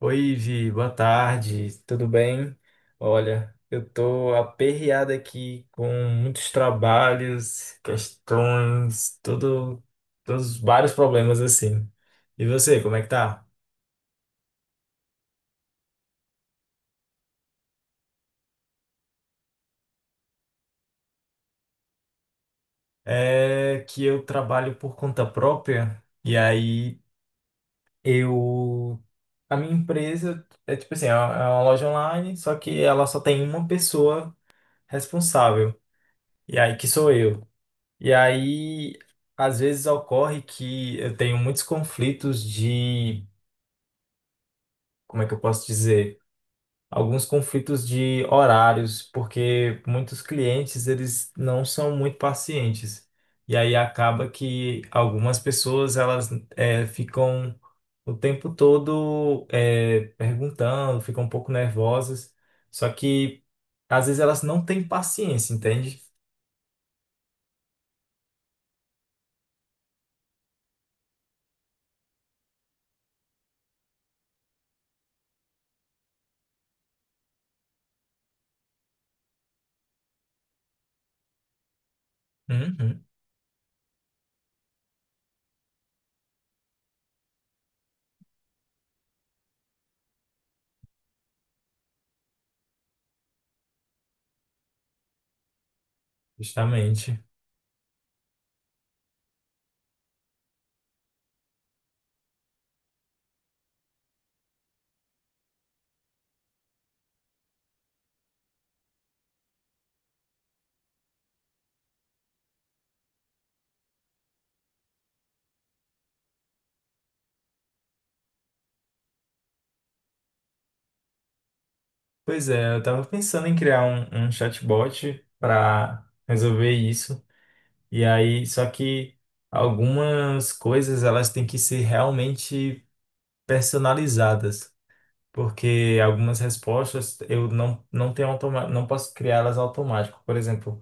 Oi, Vi, boa tarde, tudo bem? Olha, eu tô aperreado aqui com muitos trabalhos, questões, tudo, todos vários problemas assim. E você, como é que tá? É que eu trabalho por conta própria e aí eu a minha empresa é tipo assim, é uma loja online, só que ela só tem uma pessoa responsável. E aí que sou eu. E aí, às vezes ocorre que eu tenho muitos conflitos de, como é que eu posso dizer? Alguns conflitos de horários, porque muitos clientes eles não são muito pacientes. E aí acaba que algumas pessoas elas ficam o tempo todo perguntando, ficam um pouco nervosas. Só que às vezes elas não têm paciência, entende? Uhum, justamente. Pois é, eu tava pensando em criar um chatbot para resolver isso. E aí, só que algumas coisas elas têm que ser realmente personalizadas, porque algumas respostas eu não tenho automa não posso criá-las automático. Por exemplo,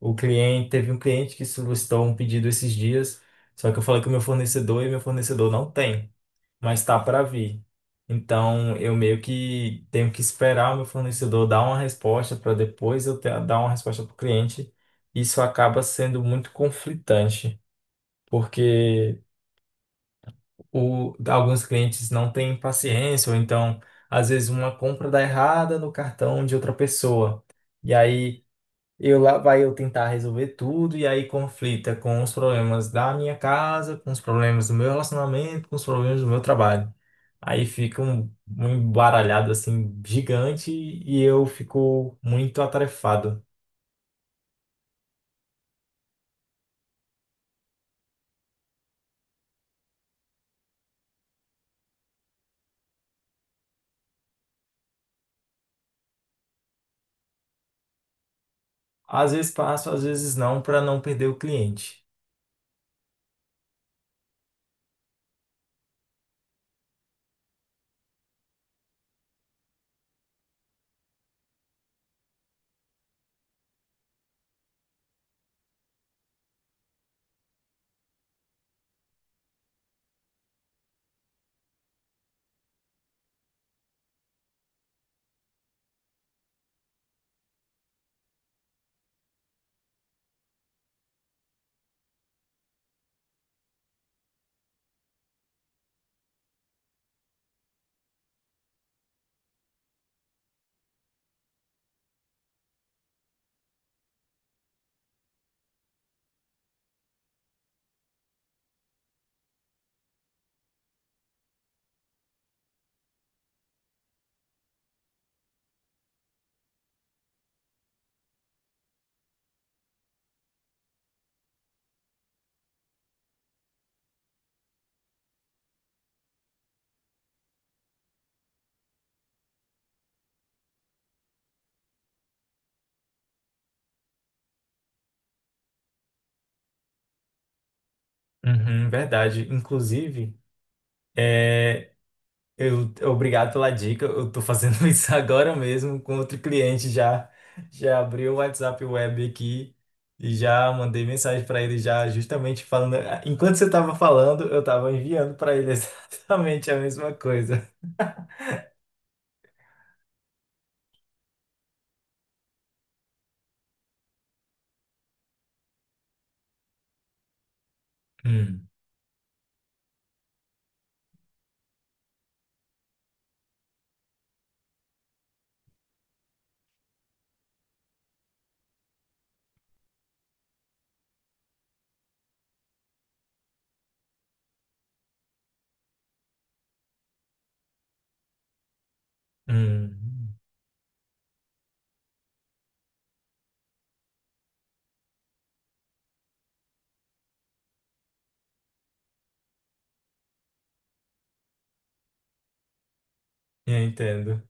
o cliente teve um cliente que solicitou um pedido esses dias, só que eu falei com o meu fornecedor e meu fornecedor não tem mas tá para vir. Então, eu meio que tenho que esperar o meu fornecedor dar uma resposta para depois dar uma resposta para o cliente. Isso acaba sendo muito conflitante, porque alguns clientes não têm paciência, ou então, às vezes, uma compra dá errada no cartão de outra pessoa. E aí, eu lá vai eu tentar resolver tudo, e aí conflita com os problemas da minha casa, com os problemas do meu relacionamento, com os problemas do meu trabalho. Aí fica um embaralhado assim gigante e eu fico muito atarefado. Às vezes passo, às vezes não, para não perder o cliente. Uhum, verdade. Inclusive, é, eu obrigado pela dica. Eu tô fazendo isso agora mesmo com outro cliente já. Já abri o WhatsApp Web aqui e já mandei mensagem para ele já justamente falando. "Ah, enquanto você estava falando, eu estava enviando para ele exatamente a mesma coisa. Hum, hum. Eu entendo.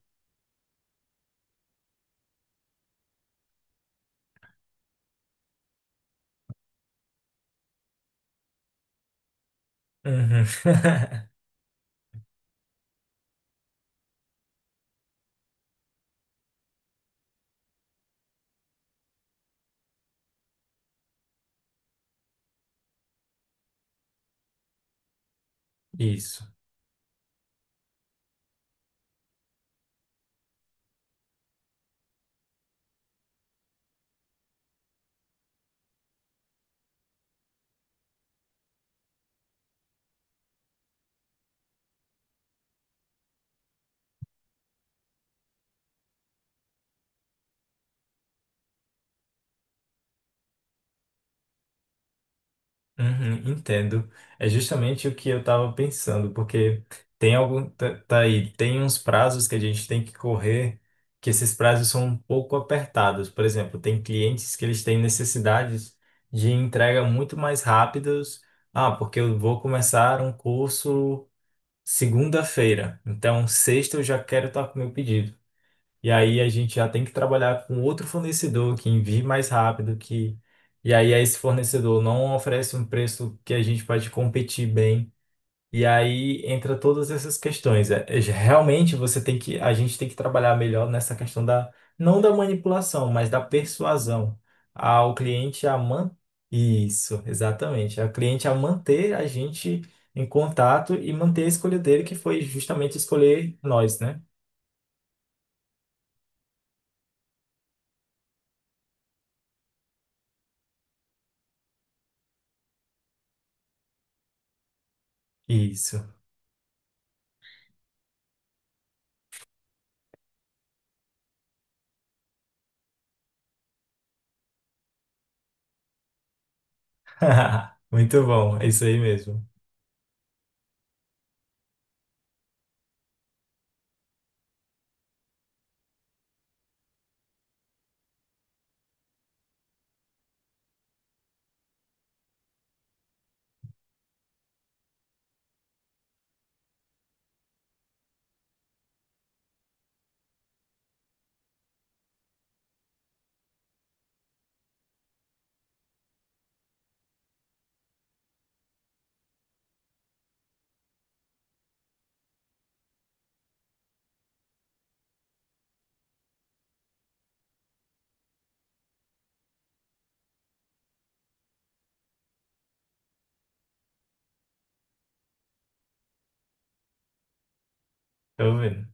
Uhum. Isso. Uhum, entendo. É justamente o que eu estava pensando, porque tem algum, tá, tá aí, tem uns prazos que a gente tem que correr, que esses prazos são um pouco apertados. Por exemplo, tem clientes que eles têm necessidades de entrega muito mais rápidas. Ah, porque eu vou começar um curso segunda-feira, então sexta eu já quero estar com o meu pedido. E aí a gente já tem que trabalhar com outro fornecedor que envie mais rápido, que e aí esse fornecedor não oferece um preço que a gente pode competir bem. E aí entra todas essas questões. Realmente você tem que, a gente tem que trabalhar melhor nessa questão da, não da manipulação, mas da persuasão ao cliente a man... Isso, exatamente. Ao cliente a manter a gente em contato e manter a escolha dele, que foi justamente escolher nós, né? Isso. Muito bom, é isso aí mesmo. Tô vendo.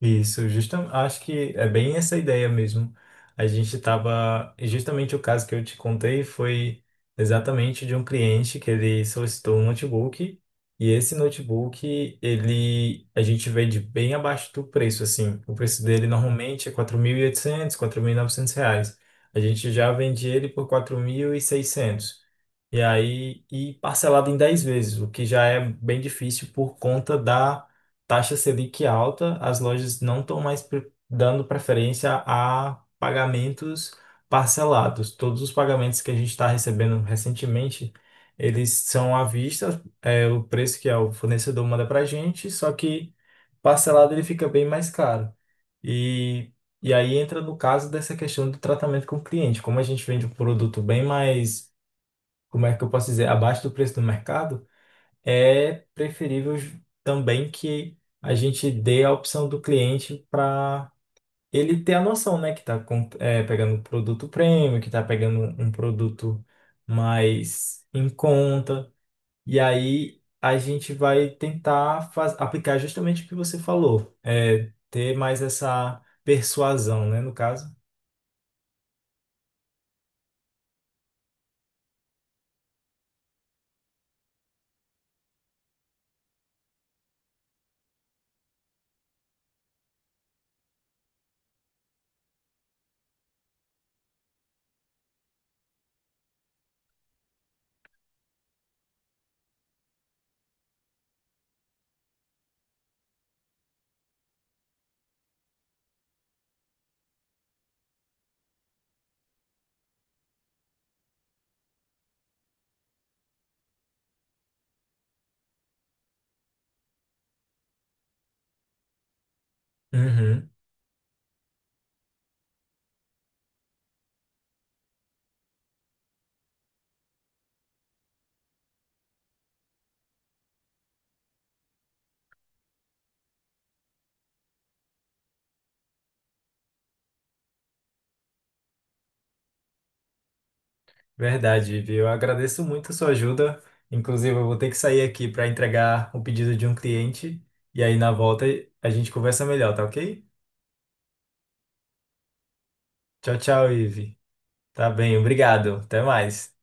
Isso, justamente, acho que é bem essa ideia mesmo. A gente tava, e justamente o caso que eu te contei foi exatamente de um cliente que ele solicitou um notebook e esse notebook, ele a gente vende bem abaixo do preço assim. O preço dele normalmente é 4.800, R$ 900. A gente já vende ele por 4.600. E aí, e parcelado em 10 vezes, o que já é bem difícil por conta da taxa Selic alta. As lojas não estão mais dando preferência a pagamentos parcelados. Todos os pagamentos que a gente está recebendo recentemente, eles são à vista, é o preço que é o fornecedor manda para a gente, só que parcelado ele fica bem mais caro. E, e aí entra no caso dessa questão do tratamento com o cliente. Como a gente vende um produto bem mais como é que eu posso dizer, abaixo do preço do mercado, é preferível também que a gente dê a opção do cliente para ele ter a noção, né, que está pegando um produto premium, que está pegando um produto mais em conta. E aí a gente vai tentar aplicar justamente o que você falou, é, ter mais essa persuasão, né, no caso. Uhum. Verdade, Ivi. Eu agradeço muito a sua ajuda. Inclusive, eu vou ter que sair aqui para entregar um pedido de um cliente. E aí, na volta, a gente conversa melhor, tá ok? Tchau, tchau, Ivi. Tá bem, obrigado. Até mais.